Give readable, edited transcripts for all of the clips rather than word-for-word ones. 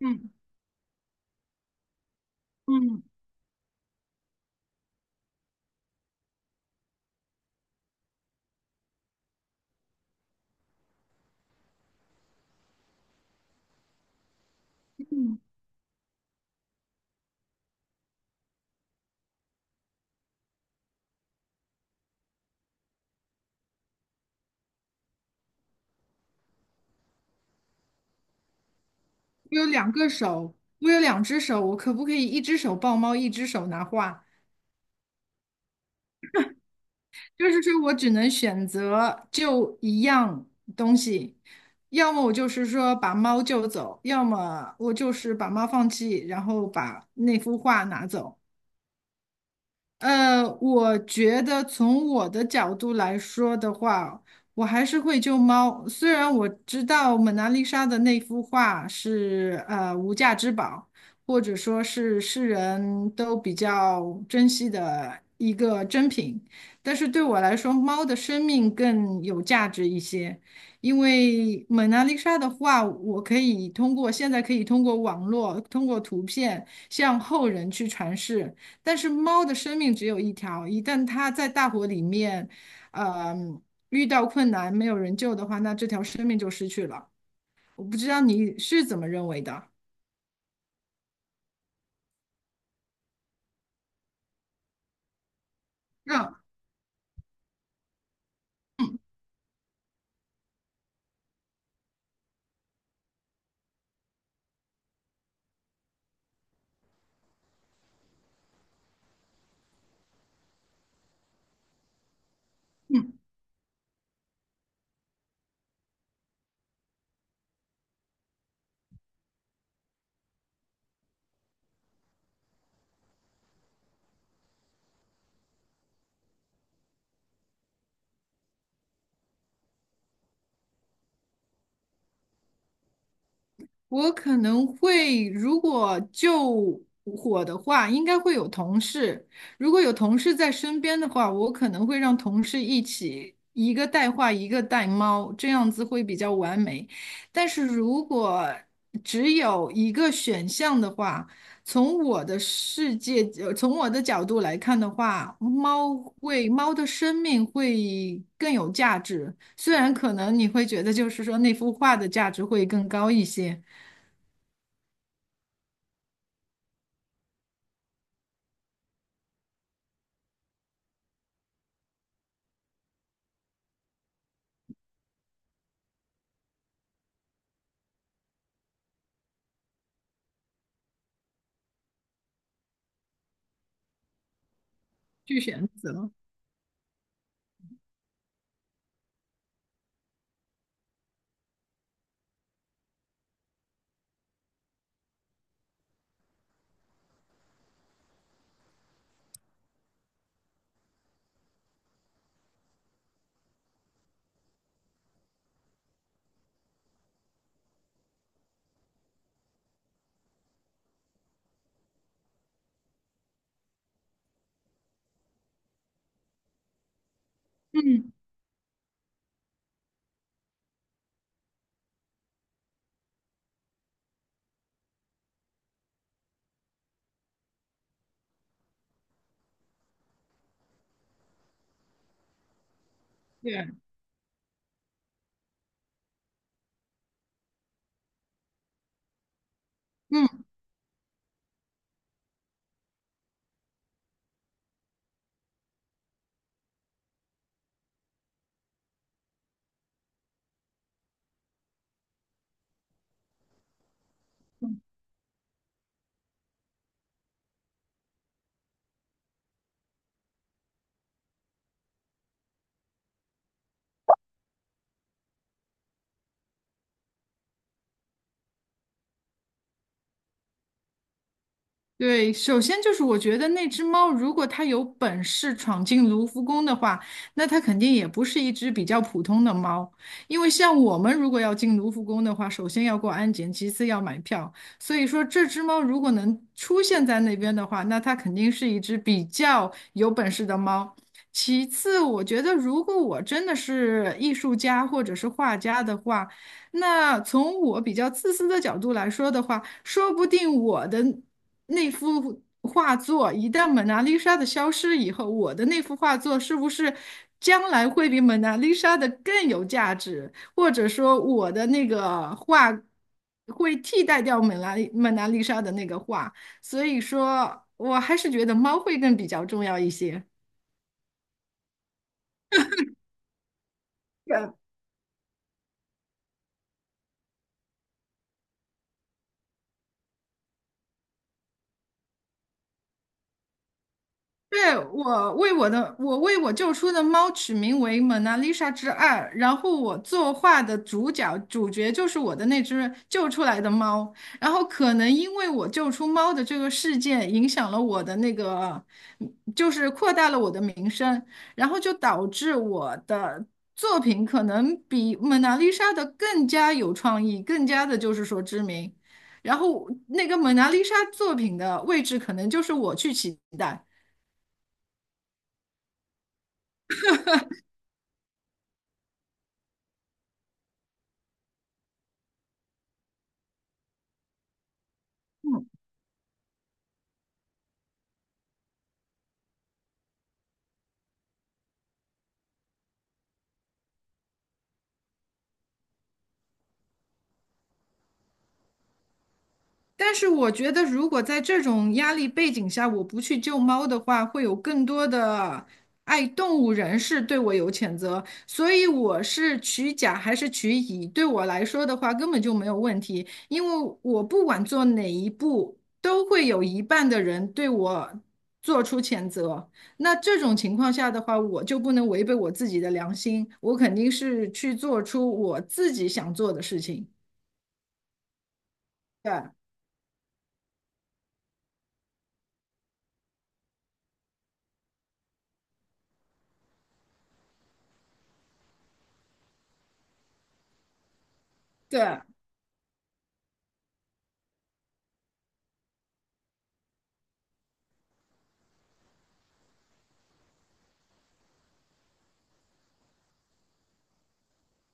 嗯嗯，我有两个手，我有两只手，我可不可以一只手抱猫，一只手拿画？就是说我只能选择就一样东西，要么我就是说把猫救走，要么我就是把猫放弃，然后把那幅画拿走。我觉得从我的角度来说的话，我还是会救猫。虽然我知道蒙娜丽莎的那幅画是无价之宝，或者说是世人都比较珍惜的一个珍品，但是对我来说，猫的生命更有价值一些。因为蒙娜丽莎的画，我可以通过网络，通过图片向后人去传世。但是猫的生命只有一条，一旦它在大火里面，呃，遇到困难没有人救的话，那这条生命就失去了。我不知道你是怎么认为的。嗯，我可能会，如果救火的话，应该会有同事。如果有同事在身边的话，我可能会让同事一起，一个带画，一个带猫，这样子会比较完美。但是如果只有一个选项的话，从我的世界，从我的角度来看的话，猫的生命会更有价值。虽然可能你会觉得，就是说那幅画的价值会更高一些。去选择。嗯，对，嗯，对，首先就是我觉得那只猫，如果它有本事闯进卢浮宫的话，那它肯定也不是一只比较普通的猫，因为像我们如果要进卢浮宫的话，首先要过安检，其次要买票。所以说，这只猫如果能出现在那边的话，那它肯定是一只比较有本事的猫。其次，我觉得如果我真的是艺术家或者是画家的话，那从我比较自私的角度来说的话，说不定我的那幅画作一旦蒙娜丽莎的消失以后，我的那幅画作是不是将来会比蒙娜丽莎的更有价值？或者说，我的那个画会替代掉蒙娜丽莎的那个画？所以说，我还是觉得猫会更比较重要一些。对，我为我救出的猫取名为《蒙娜丽莎之二》，然后我作画的主角就是我的那只救出来的猫，然后可能因为我救出猫的这个事件影响了我的那个，就是扩大了我的名声，然后就导致我的作品可能比《蒙娜丽莎》的更加有创意，更加的就是说知名，然后那个《蒙娜丽莎》作品的位置可能就是我去取代。但是我觉得，如果在这种压力背景下，我不去救猫的话，会有更多的爱动物人士对我有谴责。所以我是取甲还是取乙，对我来说的话根本就没有问题，因为我不管做哪一步，都会有一半的人对我做出谴责。那这种情况下的话，我就不能违背我自己的良心，我肯定是去做出我自己想做的事情。对对。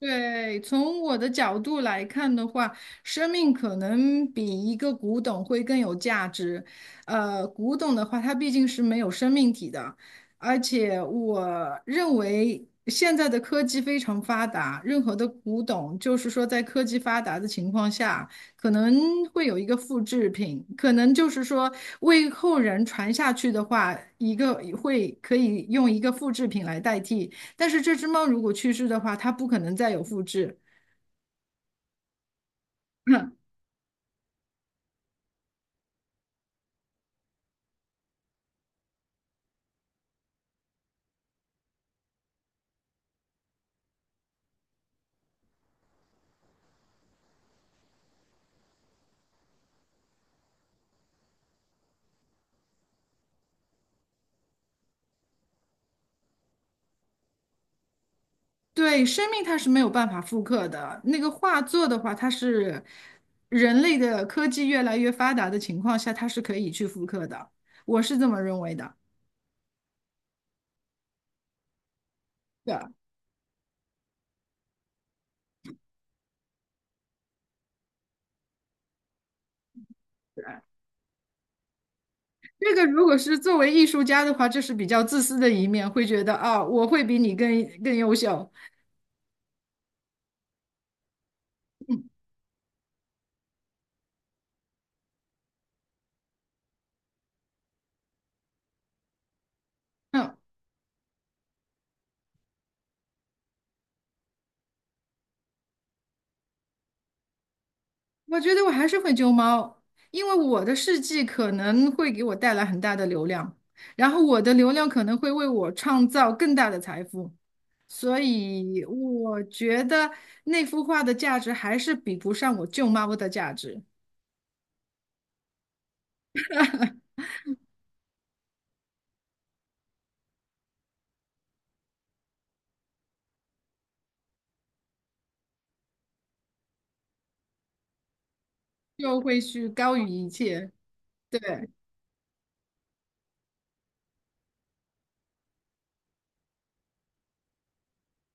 对，从我的角度来看的话，生命可能比一个古董会更有价值。古董的话，它毕竟是没有生命体的，而且我认为现在的科技非常发达，任何的古董，就是说在科技发达的情况下，可能会有一个复制品，可能就是说为后人传下去的话，一个可以用一个复制品来代替。但是这只猫如果去世的话，它不可能再有复制。对，生命它是没有办法复刻的。那个画作的话，它是人类的科技越来越发达的情况下，它是可以去复刻的。我是这么认为的。对，对，这个如果是作为艺术家的话，这是比较自私的一面，会觉得啊，我会比你更优秀。嗯，我觉得我还是会救猫，因为我的事迹可能会给我带来很大的流量，然后我的流量可能会为我创造更大的财富，所以我觉得那幅画的价值还是比不上我救猫的价值，就会去高于一切。对，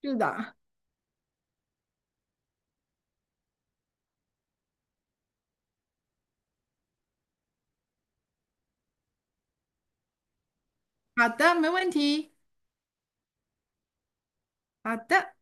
是的，好的，没问题，好的。